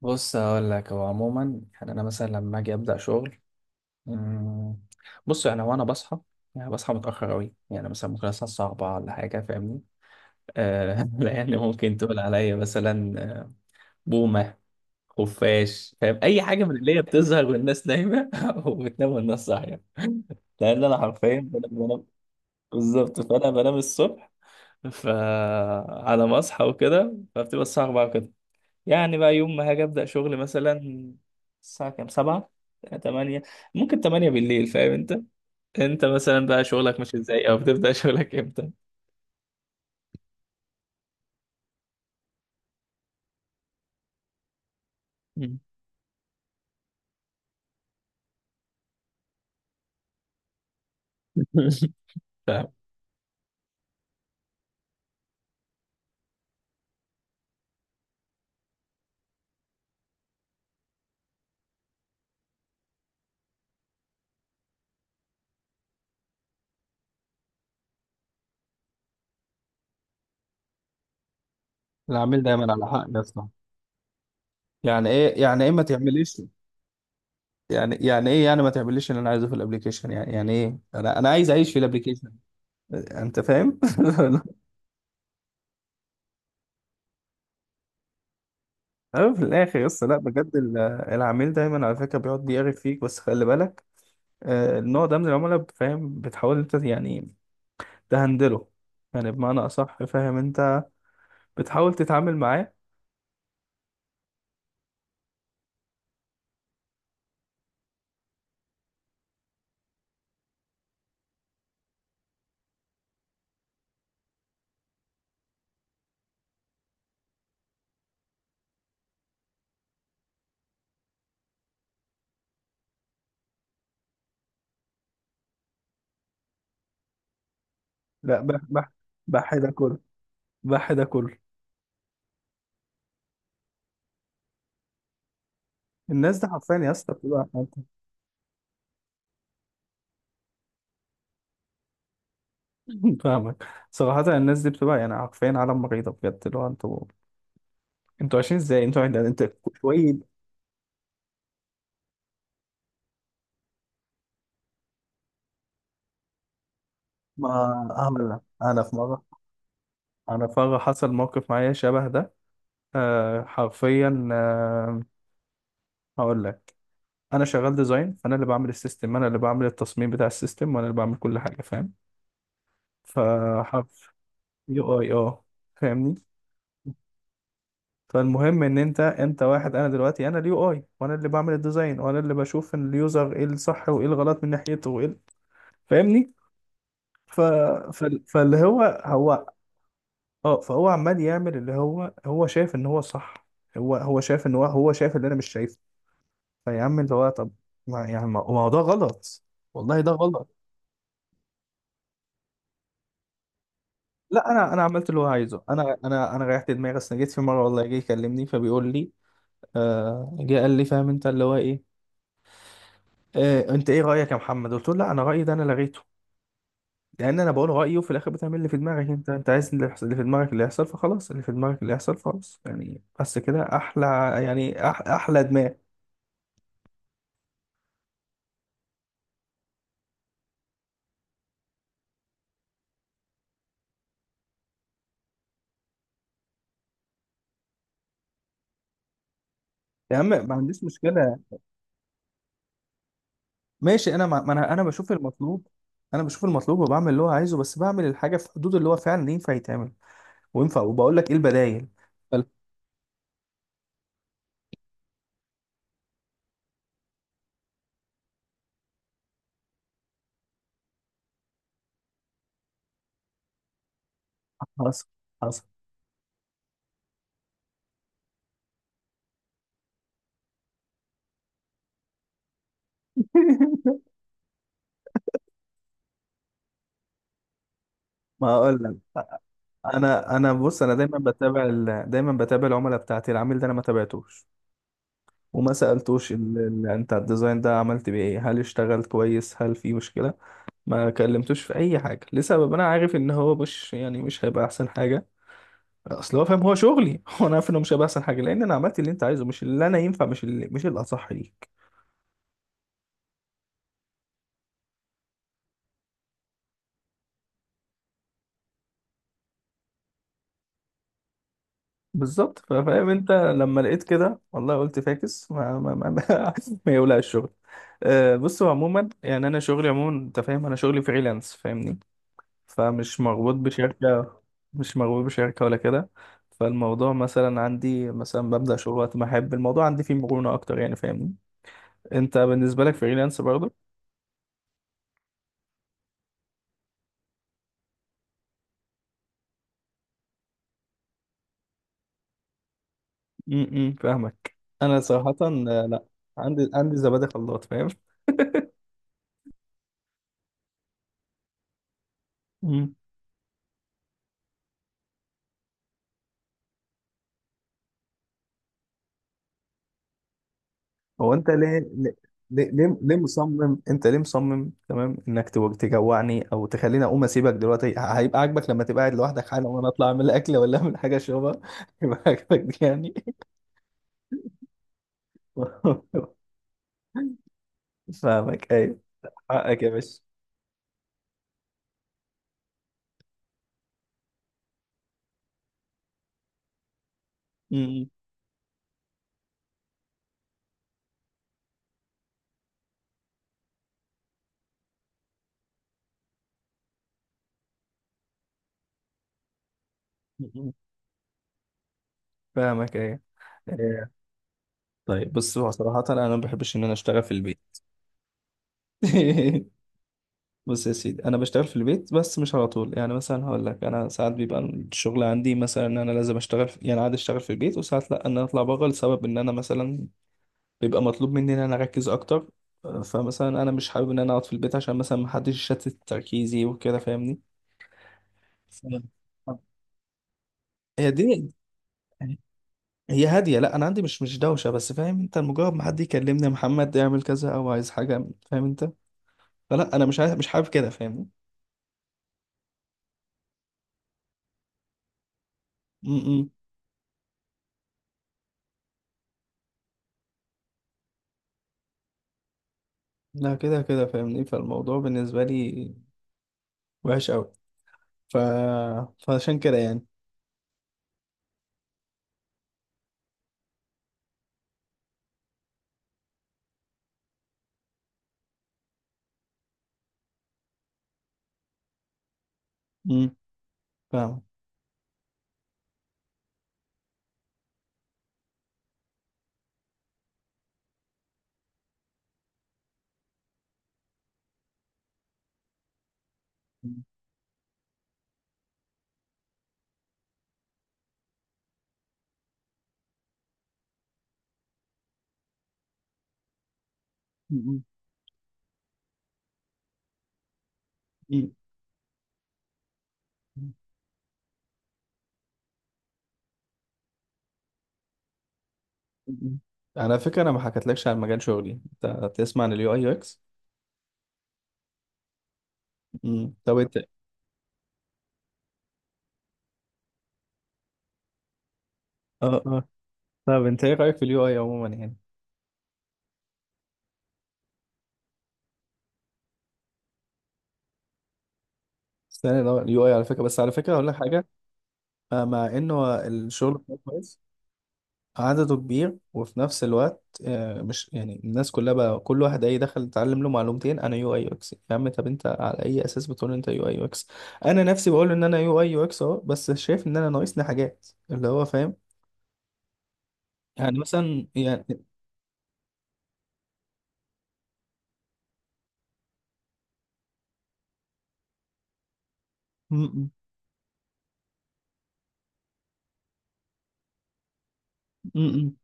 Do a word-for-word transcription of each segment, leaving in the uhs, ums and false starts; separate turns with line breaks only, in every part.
بص هقول لك هو عموما يعني انا مثلا لما اجي ابدا شغل. مم، بص يعني وانا بصحى. يعني بصحى متاخر قوي يعني مثلا ممكن اصحى الساعه الرابعة ولا حاجه فاهمني. آه لان ممكن تقول عليا مثلا آه، بومه، خفاش. فاهم اي حاجه من اللي هي بتظهر والناس نايمه وبتنام والناس صاحيه. لان انا حرفيا بنام. بنام- بالظبط فانا بنام الصبح. فعلى ما اصحى وكده فبتبقى الساعه أربعة كده. يعني بقى يوم ما هاجي ابدا شغل مثلا الساعه كام؟ سبعة، تمانية. ممكن تمانية بالليل فاهم انت؟ انت مثلا بقى شغلك مش ازاي او بتبدا شغلك امتى؟ مم. فاهم. العميل دايما على حق يا اسطى. يعني ايه يعني ايه ما تعمليش؟ يعني يعني ايه يعني ما تعمليش اللي انا عايزه في الابليكيشن؟ يعني يعني ايه انا انا عايز اعيش في الابليكيشن؟ انت فاهم أه، في الاخر يا اسطى لا بجد ال- العميل دايما على فكره بيقعد بيعرف فيك بس خلي بالك. آه، النوع ده من العملاء فاهم بتحاول انت يعني تهندله. يعني بمعنى أصح فاهم أنت بتحاول تتعامل معاه. لا، بح بح. بح ده كله. بح ده كله. الناس دي حرفيا يا اسطى بتبقى فاهمك صراحة. الناس دي بتبقى يعني حرفيا عالم مريضة بجد. اللي هو انتوا انتوا عايشين ازاي؟ انتوا عند- انت شوية. ما هعمل لك. انا في مرة انا في مرة حصل موقف معايا شبه ده. آه حرفيا آه. هقول لك. انا شغال ديزاين، فانا اللي بعمل السيستم، انا اللي بعمل التصميم بتاع السيستم، وانا اللي بعمل كل حاجة فاهم. فحرفيا يو اي. اه فاهمني. فالمهم ان انت انت واحد. انا دلوقتي انا اليو اي وانا اللي بعمل الديزاين وانا اللي بشوف ان اليوزر ايه الصح وايه الغلط من ناحيته وايه ال- فاهمني. ف... ف... فاللي هو هو اه فهو عمال يعمل اللي هو هو شايف ان هو صح. هو هو شايف ان هو هو شايف اللي انا مش شايفه. فيا عم اللي هو طب. ما يعني ما ما هو ده غلط. والله ده غلط. لا انا انا عملت اللي هو عايزه. انا انا انا ريحت دماغي. اصل جيت في مره والله جه يكلمني فبيقول لي آه. جه قال لي فاهم انت اللي هو ايه؟ إيه انت ايه رايك يا محمد؟ قلت له لا انا رايي ده انا لغيته. لان انا بقول رايي وفي الاخر بتعمل اللي في دماغك. انت انت عايز اللي يحصل- اللي في دماغك اللي يحصل فخلاص. اللي في دماغك اللي يحصل فخلاص يعني. بس كده احلى. يعني أح احلى دماغ. يا عم ما عنديش مشكله. ماشي انا مع- ما انا انا بشوف المطلوب. انا بشوف المطلوب وبعمل اللي هو عايزه بس بعمل الحاجه في حدود اللي هو فعلا ينفع يتعمل وينفع. وبقول لك ايه البدايل. فال- حصل. حصل ما اقول لك. انا انا بص انا دايما بتابع ال... دايما بتابع العملاء بتاعتي. العميل ده انا ما تابعتوش وما سألتوش ال- ال- انت الديزاين ده عملت بيه ايه؟ هل اشتغل كويس؟ هل في مشكلة؟ ما كلمتوش في اي حاجة لسبب انا عارف ان هو مش يعني مش هيبقى احسن حاجة. اصل هو فاهم هو شغلي هو انا عارف انه مش هيبقى احسن حاجة لان انا عملت اللي انت عايزه، مش اللي انا ينفع، مش اللي، مش الاصح ليك. بالظبط فاهم انت. لما لقيت كده والله قلت فاكس، ما ما ما, ما, ما يولع الشغل. أه بصوا عموما يعني انا شغلي عموما انت فاهم انا شغلي فريلانس فاهمني. فمش مربوط بشركة. مش مربوط بشركة ولا كده. فالموضوع مثلا عندي مثلا ببدأ شغل وقت ما أحب. الموضوع عندي فيه مرونة أكتر يعني فاهمني. أنت بالنسبة لك فريلانس برضه؟ م- م، فاهمك. أنا صراحة آه، لأ. عندي عندي زبادي خلاط فاهم؟ م. هو أنت ليه ليه ليه ليه ليه مصمم؟ أنت ليه مصمم تمام إنك تو- تجوعني أو تخليني أقوم أسيبك دلوقتي؟ ه- هيبقى عاجبك لما تبقى قاعد لوحدك حالا وأنا أطلع أعمل أكل ولا أعمل حاجة أشربها هيبقى عاجبك يعني؟ فاهمك ايوه. حقك يا باشا. م- م- م. فاهمك ايوه. إيه. طيب بص هو صراحة انا ما بحبش ان انا اشتغل في البيت بص يا سيدي انا بشتغل في البيت بس مش على طول. يعني مثلا هقول لك انا ساعات بيبقى الشغل عندي مثلا ان انا لازم اشتغل في... يعني عادي اشتغل في البيت وساعات لا، ان انا اطلع بره لسبب ان انا مثلا بيبقى مطلوب مني ان انا اركز اكتر. فمثلا انا مش حابب ان انا اقعد في البيت عشان مثلا محدش يشتت تركيزي وكده فاهمني. فاهم. هي الدنيا هي هادية. لا انا عندي مش مش دوشة بس فاهم انت. مجرد ما حد يكلمني يا محمد اعمل كذا او عايز حاجة فاهم انت. فلا انا مش عايز، مش حابب كده فاهمني. م- م. لا كده كده فاهمني فالموضوع بالنسبة لي وحش قوي. ف... فعشان كده يعني. م. فاهم. م- م. م- م. على فكرة انا ما حكيتلكش عن مجال شغلي. انت تسمع عن اليو اي يو اكس؟ طب انت؟ اه اه. طب انت ايه رأيك في اليو اي عموما يعني؟ استنى، اليو اي على فكرة، بس على فكرة اقول لك حاجة. آه، مع انه الشغل بتاعه كويس. عدده كبير وفي نفس الوقت آه، مش يعني الناس كلها. بقى كل واحد اي دخل اتعلم له معلومتين انا يو اي يو اكس. يا عم طب انت على اي اساس بتقول انت يو اي يو اكس؟ انا نفسي بقول ان انا يو اي يو اكس اهو، بس شايف ان انا ناقصني حاجات اللي هو فاهم. يعني مثلا يعني. م- م- م-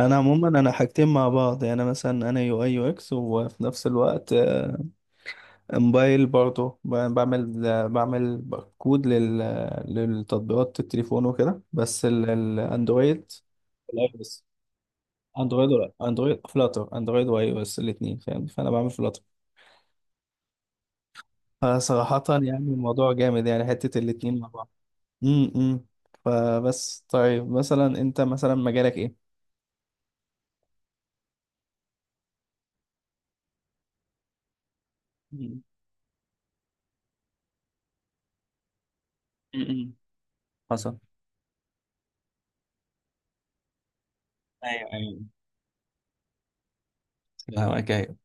انا عموما انا حاجتين مع بعض. يعني مثلا انا يو اي يو اكس وفي نفس الوقت آه، موبايل برضه ب- بعمل بعمل كود لل... للتطبيقات التليفون وكده بس ال- الاندرويد والاي او اس. اندرويد ولا اندرويد فلاتر؟ اندرويد واي او اس الاثنين فاهم. فانا بعمل فلاتر. فصراحة يعني الموضوع جامد يعني حتة الاثنين مع بعض. امم. فبس طيب مثلا انت مثلا مجالك ايه؟ مم. مم. حصل. ايوه ايوه. فاهمك ايوه.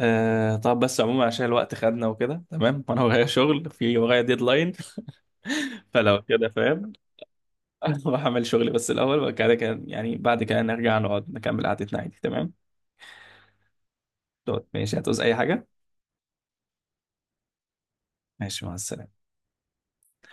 آه طب بس عموما عشان الوقت خدنا وكده تمام وانا ورايا شغل، في ورايا ديدلاين فلو كده فاهم. اروح اعمل شغلي بس الاول وبعد كده كان يعني بعد كده نرجع نقعد نكمل قعدتنا عادي تمام. دوت ماشي. هتعوز اي حاجه؟ ماشي، مع السلامه.